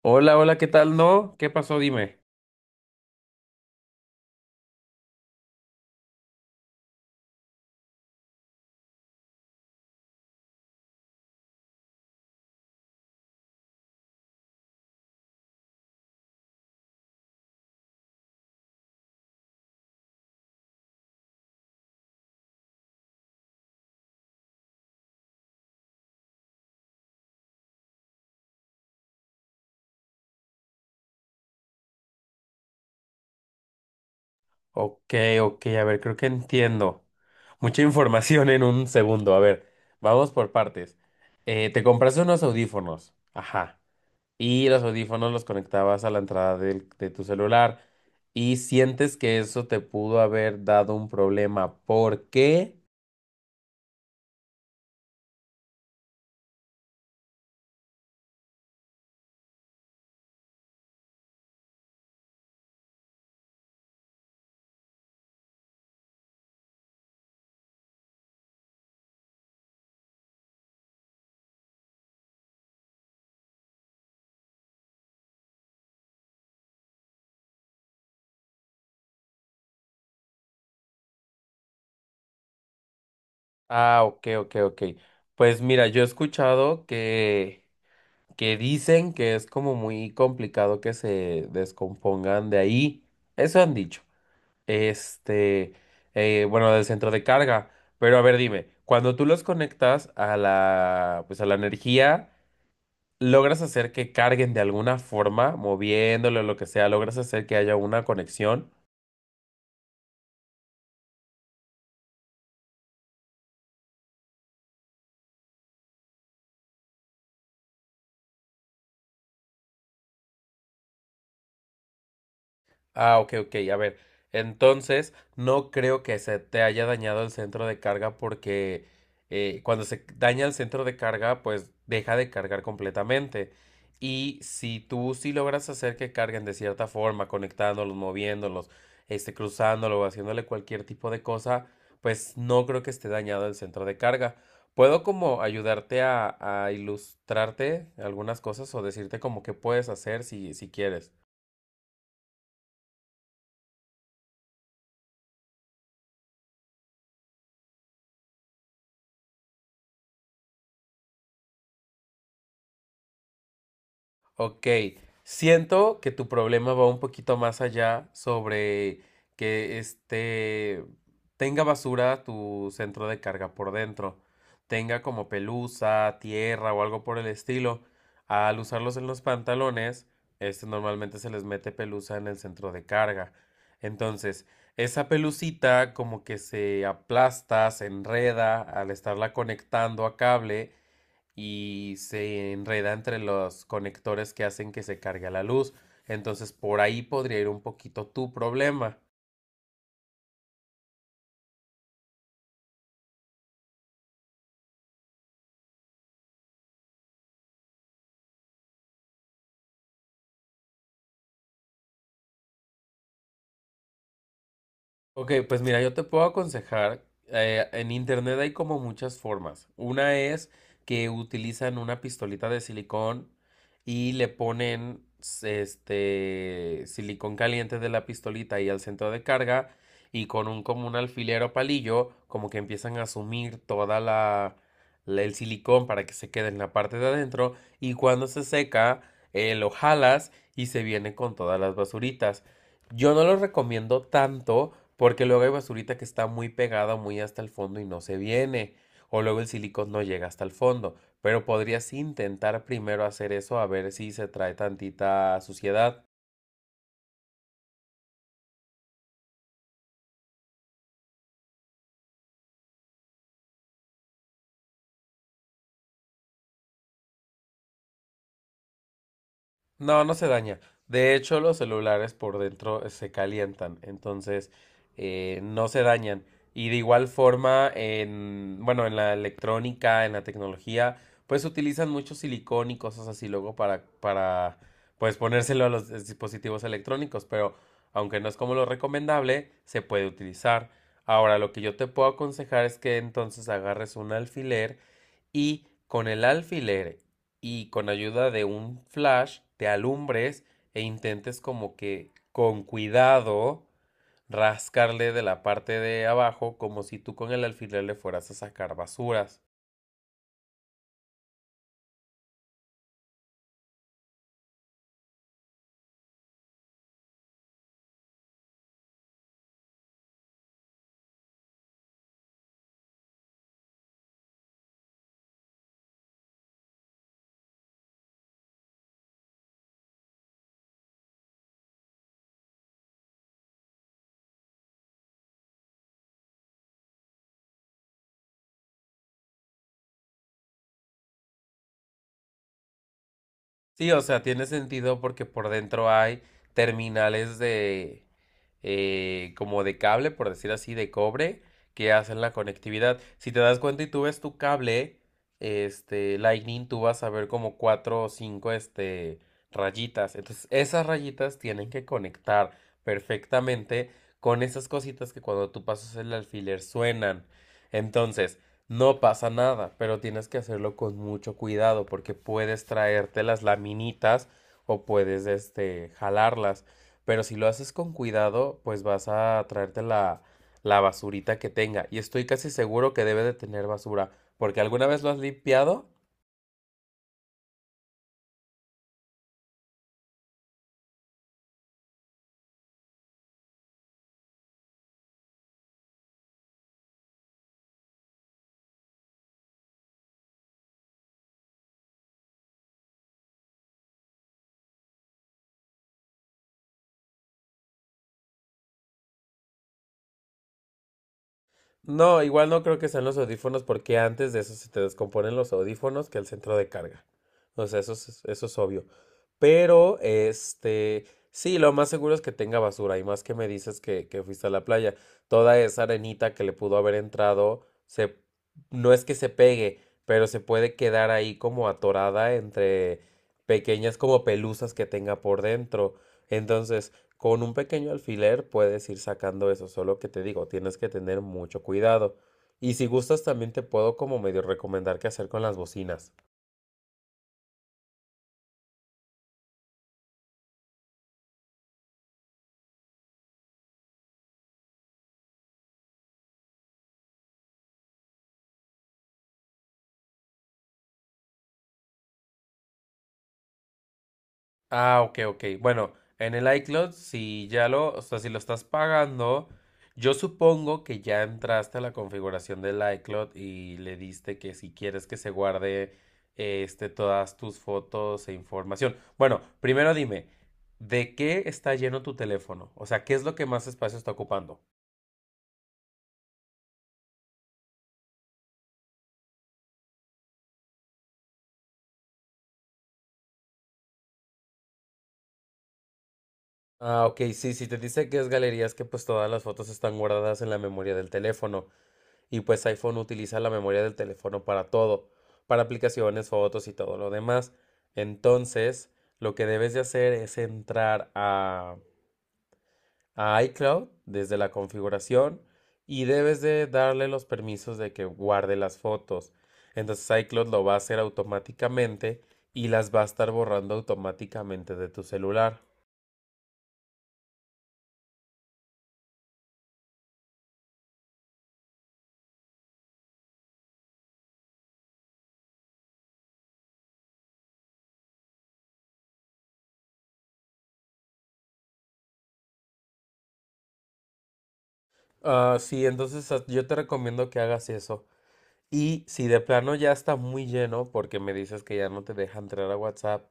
Hola, hola, ¿qué tal? ¿No? ¿Qué pasó? Dime. Ok, ok, a ver, creo que entiendo. Mucha información en un segundo. A ver, vamos por partes. Te compraste unos audífonos. Ajá. Y los audífonos los conectabas a la entrada de tu celular. Y sientes que eso te pudo haber dado un problema. ¿Por qué? Ah, ok, ok, ok. Pues mira, yo he escuchado que dicen que es como muy complicado que se descompongan de ahí. Eso han dicho. Este, bueno, del centro de carga. Pero a ver, dime, cuando tú los conectas a la, pues a la energía, ¿logras hacer que carguen de alguna forma, moviéndolo o lo que sea? ¿Logras hacer que haya una conexión? Ah, ok, ok, a ver. Entonces, no creo que se te haya dañado el centro de carga porque cuando se daña el centro de carga, pues deja de cargar completamente. Y si tú sí logras hacer que carguen de cierta forma, conectándolos, moviéndolos, cruzándolo o haciéndole cualquier tipo de cosa, pues no creo que esté dañado el centro de carga. ¿Puedo como ayudarte a ilustrarte algunas cosas o decirte como qué puedes hacer si quieres? Ok, siento que tu problema va un poquito más allá sobre que tenga basura tu centro de carga por dentro, tenga como pelusa, tierra o algo por el estilo. Al usarlos en los pantalones, este normalmente se les mete pelusa en el centro de carga. Entonces, esa pelucita como que se aplasta, se enreda al estarla conectando a cable y se enreda entre los conectores que hacen que se cargue la luz. Entonces por ahí podría ir un poquito tu problema. Ok, pues mira, yo te puedo aconsejar, en internet hay como muchas formas. Una es que utilizan una pistolita de silicón y le ponen este silicón caliente de la pistolita y al centro de carga y con un alfiler o palillo como que empiezan a sumir el silicón para que se quede en la parte de adentro y cuando se seca lo jalas y se viene con todas las basuritas. Yo no lo recomiendo tanto porque luego hay basurita que está muy pegada, muy hasta el fondo y no se viene. O luego el silicón no llega hasta el fondo. Pero podrías intentar primero hacer eso a ver si se trae tantita suciedad. No, no se daña. De hecho, los celulares por dentro se calientan, entonces no se dañan. Y de igual forma, en, bueno, en la electrónica, en la tecnología, pues utilizan mucho silicón y cosas así luego para, pues ponérselo a los dispositivos electrónicos, pero aunque no es como lo recomendable, se puede utilizar. Ahora, lo que yo te puedo aconsejar es que entonces agarres un alfiler y con el alfiler y con ayuda de un flash te alumbres e intentes como que con cuidado rascarle de la parte de abajo como si tú con el alfiler le fueras a sacar basuras. Sí, o sea, tiene sentido porque por dentro hay terminales de como de cable, por decir así, de cobre, que hacen la conectividad. Si te das cuenta y tú ves tu cable, este, Lightning, tú vas a ver como cuatro o cinco, este, rayitas. Entonces, esas rayitas tienen que conectar perfectamente con esas cositas que cuando tú pasas el alfiler suenan. Entonces, no pasa nada, pero tienes que hacerlo con mucho cuidado porque puedes traerte las laminitas o puedes este jalarlas, pero si lo haces con cuidado, pues vas a traerte la basurita que tenga y estoy casi seguro que debe de tener basura, porque alguna vez lo has limpiado. No, igual no creo que sean los audífonos porque antes de eso se te descomponen los audífonos que el centro de carga. O sea, eso es obvio. Pero, este, sí, lo más seguro es que tenga basura. Y más que me dices que fuiste a la playa, toda esa arenita que le pudo haber entrado, se, no es que se pegue, pero se puede quedar ahí como atorada entre pequeñas como pelusas que tenga por dentro. Entonces, con un pequeño alfiler puedes ir sacando eso, solo que te digo, tienes que tener mucho cuidado. Y si gustas, también te puedo como medio recomendar qué hacer con las bocinas. Ah, ok, ok. Bueno, en el iCloud, si ya lo, o sea, si lo estás pagando, yo supongo que ya entraste a la configuración del iCloud y le diste que si quieres que se guarde todas tus fotos e información. Bueno, primero dime, ¿de qué está lleno tu teléfono? O sea, ¿qué es lo que más espacio está ocupando? Ah, ok, sí, si te dice que es galerías que pues todas las fotos están guardadas en la memoria del teléfono y pues iPhone utiliza la memoria del teléfono para todo, para aplicaciones, fotos y todo lo demás. Entonces, lo que debes de hacer es entrar a iCloud desde la configuración y debes de darle los permisos de que guarde las fotos. Entonces iCloud lo va a hacer automáticamente y las va a estar borrando automáticamente de tu celular. Ah, sí, entonces yo te recomiendo que hagas eso. Y si de plano ya está muy lleno, porque me dices que ya no te deja entrar a WhatsApp,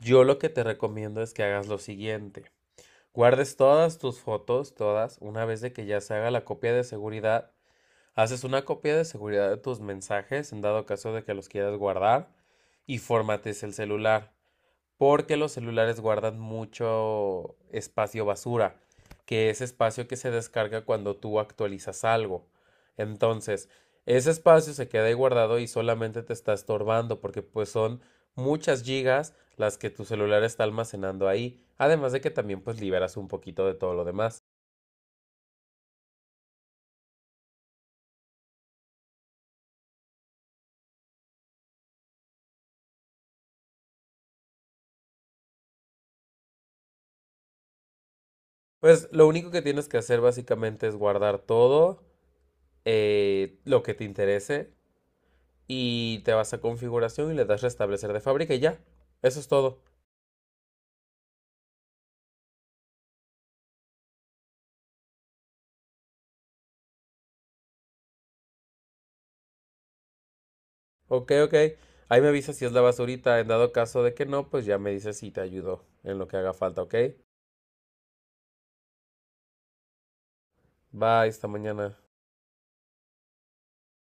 yo lo que te recomiendo es que hagas lo siguiente. Guardes todas tus fotos, todas, una vez de que ya se haga la copia de seguridad, haces una copia de seguridad de tus mensajes en dado caso de que los quieras guardar y formates el celular porque los celulares guardan mucho espacio basura, que es espacio que se descarga cuando tú actualizas algo. Entonces, ese espacio se queda ahí guardado y solamente te está estorbando porque pues son muchas gigas las que tu celular está almacenando ahí, además de que también pues liberas un poquito de todo lo demás. Pues lo único que tienes que hacer básicamente es guardar todo lo que te interese y te vas a configuración y le das restablecer de fábrica y ya, eso es todo. Ok, ok. Ahí me avisa si es la basurita. En dado caso de que no, pues ya me dice si te ayudó en lo que haga falta, ¿ok? Bye, esta mañana.